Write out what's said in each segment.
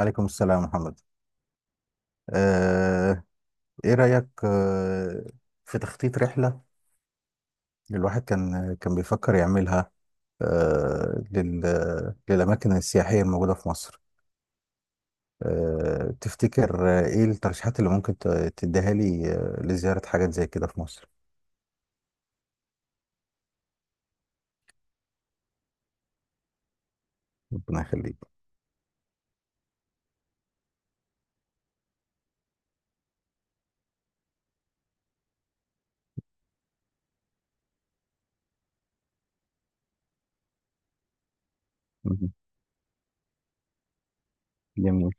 عليكم السلام، محمد. آه، ايه رأيك في تخطيط رحلة الواحد كان بيفكر يعملها للأماكن السياحية الموجودة في مصر. تفتكر ايه الترشيحات اللي ممكن تديها لي لزيارة حاجات زي كده في مصر؟ ربنا يخليك. مهم. جميل.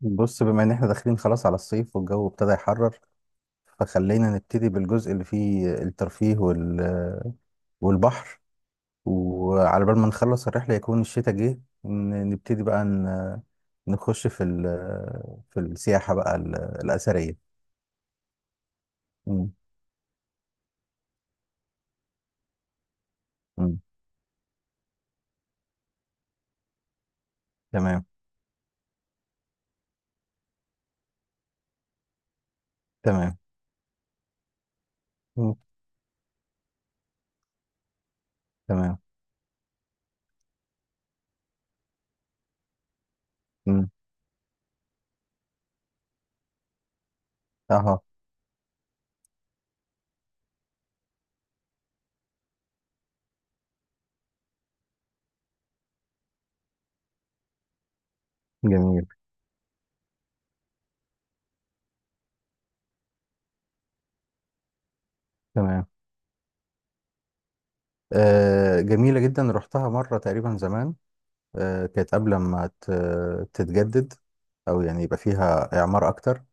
بص، بما ان احنا داخلين خلاص على الصيف والجو ابتدى يحرر، فخلينا نبتدي بالجزء اللي فيه الترفيه والبحر، وعلى بال ما نخلص الرحلة يكون الشتاء جه. نبتدي بقى نخش في السياحة بقى الأثرية. مم. مم. تمام، تمام. مم. تمام. مم. أها. جميل. تمام. جميلة جدا، رحتها مرة تقريبا زمان. كانت قبل ما تتجدد أو يعني يبقى فيها إعمار أكتر.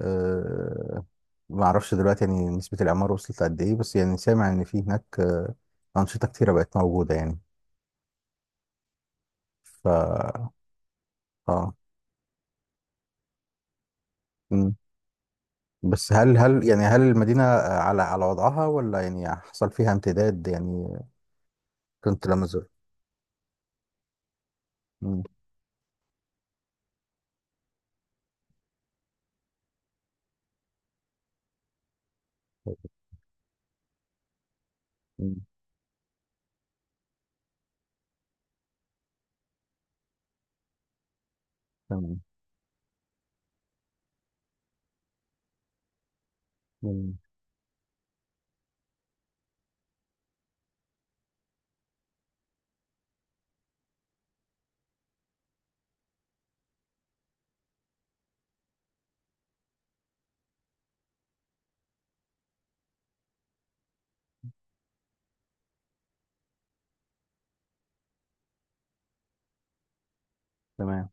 آه ما أعرفش دلوقتي يعني نسبة الإعمار وصلت لقد إيه، بس يعني سامع إن في هناك أنشطة كتيرة بقت موجودة يعني. ف اه. مم. بس هل يعني هل المدينة على وضعها ولا يعني حصل فيها امتداد يعني؟ كنت لمزر. مم. طيب. مم. تمام. مم. تمام.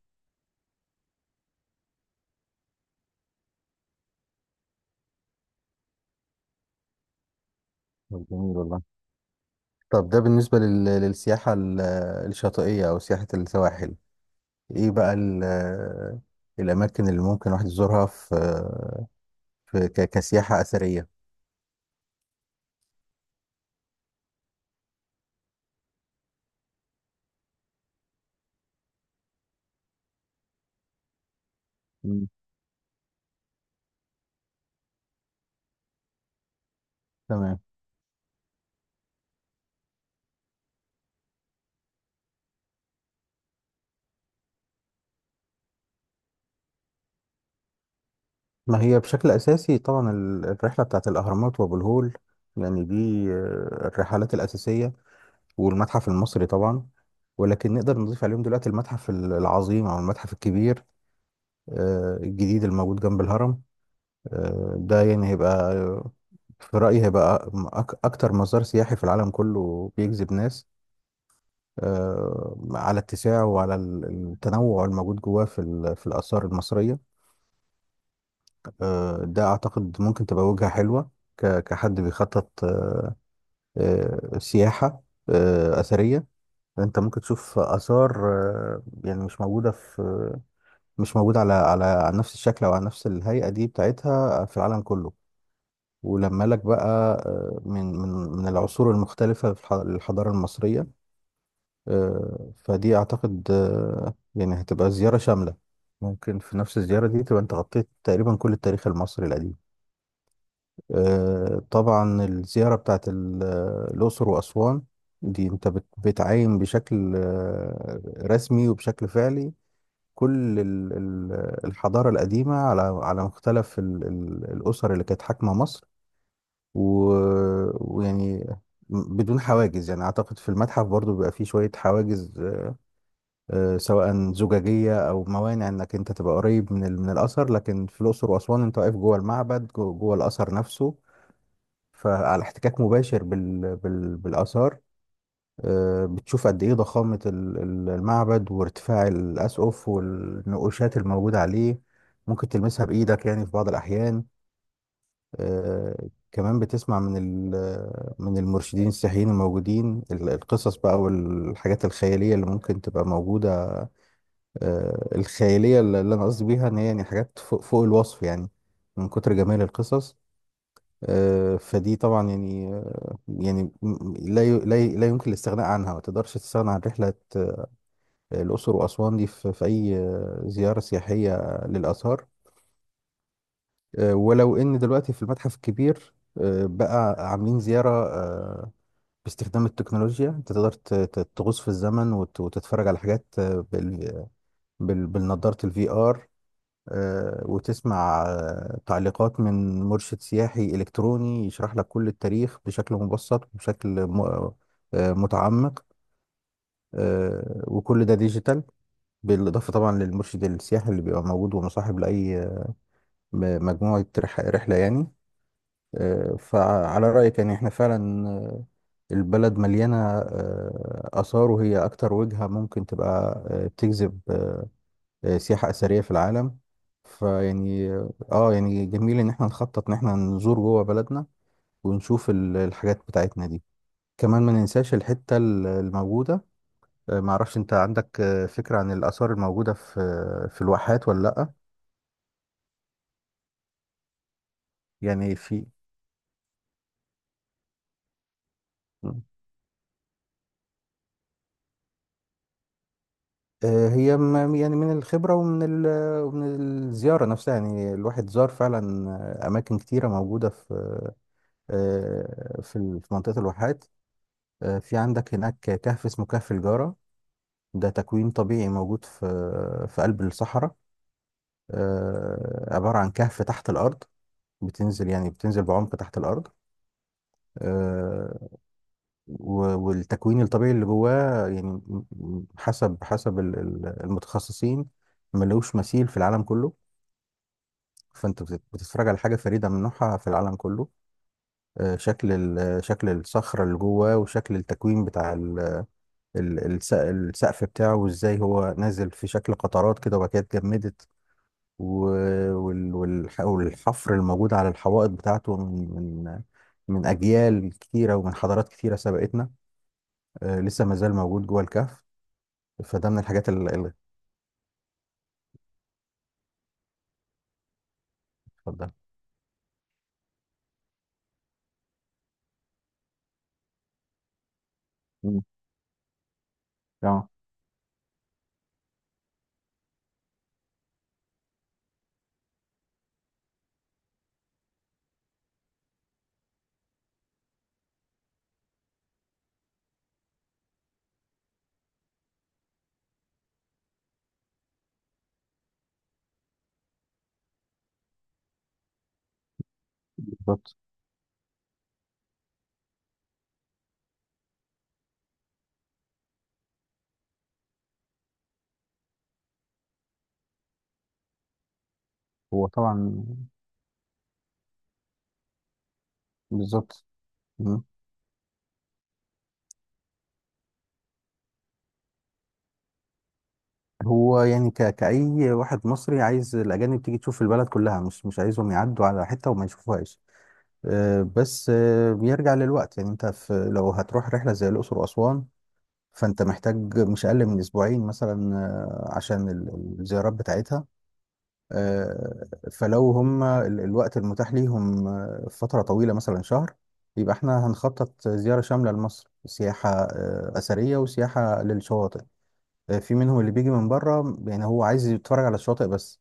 طب جميل والله. طب ده بالنسبة للسياحة الشاطئية أو سياحة السواحل. إيه بقى الأماكن اللي ممكن الواحد يزورها في كسياحة أثرية؟ مم. تمام. ما هي بشكل أساسي طبعا الرحلة بتاعت الأهرامات وأبو الهول، لأن دي الرحلات الأساسية، والمتحف المصري طبعا. ولكن نقدر نضيف عليهم دلوقتي المتحف العظيم أو المتحف الكبير، الجديد الموجود جنب الهرم. ده يعني هيبقى، في رأيي، هيبقى أكتر مزار سياحي في العالم كله بيجذب ناس على اتساعه وعلى التنوع الموجود جواه في الآثار المصرية. ده أعتقد ممكن تبقى وجهة حلوة كحد بيخطط سياحة أثرية. أنت ممكن تشوف آثار يعني مش موجودة مش موجودة على نفس الشكل أو على نفس الهيئة دي بتاعتها في العالم كله. ولما لك بقى، آه، من من من العصور المختلفة للحضارة المصرية. فدي أعتقد يعني هتبقى زيارة شاملة. ممكن في نفس الزيارة دي تبقى أنت غطيت تقريبا كل التاريخ المصري القديم. طبعا الزيارة بتاعت الأقصر وأسوان، دي أنت بتعاين بشكل رسمي وبشكل فعلي. كل الحضارة القديمة على مختلف الأسر اللي كانت حاكمة مصر. ويعني بدون حواجز. يعني أعتقد في المتحف برضو بيبقى فيه شوية حواجز سواء زجاجية أو موانع إنك أنت تبقى قريب من الأثر. لكن في الأقصر وأسوان أنت واقف جوه المعبد، جوه الأثر نفسه. فعلى احتكاك مباشر بالآثار. بتشوف قد إيه ضخامة المعبد وارتفاع الأسقف والنقوشات الموجودة عليه، ممكن تلمسها بإيدك يعني في بعض الأحيان. آه، كمان بتسمع من المرشدين السياحيين الموجودين القصص بقى والحاجات الخيالية اللي ممكن تبقى موجودة. الخيالية اللي أنا قصدي بيها إن هي يعني حاجات فوق الوصف يعني، من كتر جمال القصص. فدي طبعا يعني، يعني لا يمكن الاستغناء عنها. ما تقدرش تستغنى عن رحلة الأقصر وأسوان دي في أي زيارة سياحية للآثار. ولو إن دلوقتي في المتحف الكبير بقى عاملين زيارة باستخدام التكنولوجيا، أنت تقدر تغوص في الزمن وتتفرج على حاجات بالنضارة الفي آر. وتسمع تعليقات من مرشد سياحي إلكتروني يشرح لك كل التاريخ بشكل مبسط وبشكل متعمق. وكل ده ديجيتال. بالإضافة طبعا للمرشد السياحي اللي بيبقى موجود ومصاحب لأي مجموعة رحلة يعني. فعلى رأيك يعني احنا فعلا، البلد مليانة آثار، وهي أكتر وجهة ممكن تبقى بتجذب سياحة أثرية في العالم. فيعني اه يعني جميل إن احنا نخطط إن احنا نزور جوه بلدنا، ونشوف الحاجات بتاعتنا دي. كمان ما ننساش الحتة الموجودة. معرفش أنت عندك فكرة عن الآثار الموجودة في الواحات ولا لأ؟ يعني في، هي يعني من الخبرة ومن ومن الزيارة نفسها. يعني الواحد زار فعلا أماكن كتيرة موجودة في، في منطقة الواحات. في عندك هناك كهف اسمه كهف الجارة. ده تكوين طبيعي موجود في قلب الصحراء. عبارة عن كهف تحت الأرض. بتنزل، يعني بتنزل بعمق تحت الأرض. آه، والتكوين الطبيعي اللي جواه يعني، حسب المتخصصين، ملوش مثيل في العالم كله. فأنت بتتفرج على حاجة فريدة من نوعها في العالم كله. شكل الصخرة اللي جواه، وشكل التكوين بتاع السقف بتاعه، وازاي هو نازل في شكل قطرات كده وبعد كده اتجمدت. والحفر الموجود على الحوائط بتاعته من من من أجيال كتيرة، ومن حضارات كتيرة سبقتنا، لسه ما زال موجود جوه الكهف. فده من الحاجات اتفضل. مم. اه. بالظبط. هو طبعا. بالظبط. مم. هو يعني كأي واحد مصري عايز الأجانب تيجي تشوف البلد كلها، مش عايزهم يعدوا على حتة وما يشوفوهاش. بس بيرجع للوقت. يعني انت لو هتروح رحلة زي الأقصر وأسوان، فانت محتاج مش اقل من 2 اسبوعين مثلا عشان الزيارات بتاعتها. فلو هم الوقت المتاح ليهم فترة طويلة مثلا شهر، يبقى احنا هنخطط زيارة شاملة لمصر، سياحة أثرية وسياحة للشواطئ. في منهم اللي بيجي من بره يعني هو عايز يتفرج على الشواطئ بس.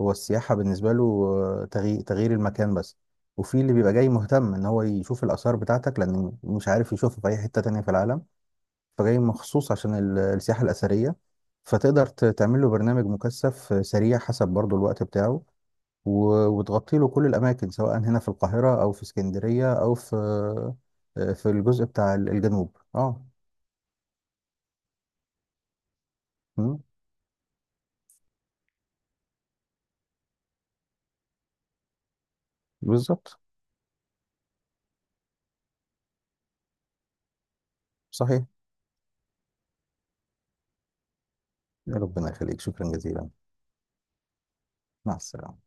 هو السياحة بالنسبة له تغيير المكان بس. وفي اللي بيبقى جاي مهتم ان هو يشوف الآثار بتاعتك، لأن مش عارف يشوفها في أي حتة تانية في العالم. فجاي مخصوص عشان السياحة الأثرية. فتقدر تعمل له برنامج مكثف سريع حسب برضو الوقت بتاعه. وتغطي له كل الأماكن، سواء هنا في القاهرة أو في اسكندرية أو في الجزء بتاع الجنوب. اه. مم، بالظبط. صحيح. يا ربنا يخليك، شكرا جزيلا. مع السلامة.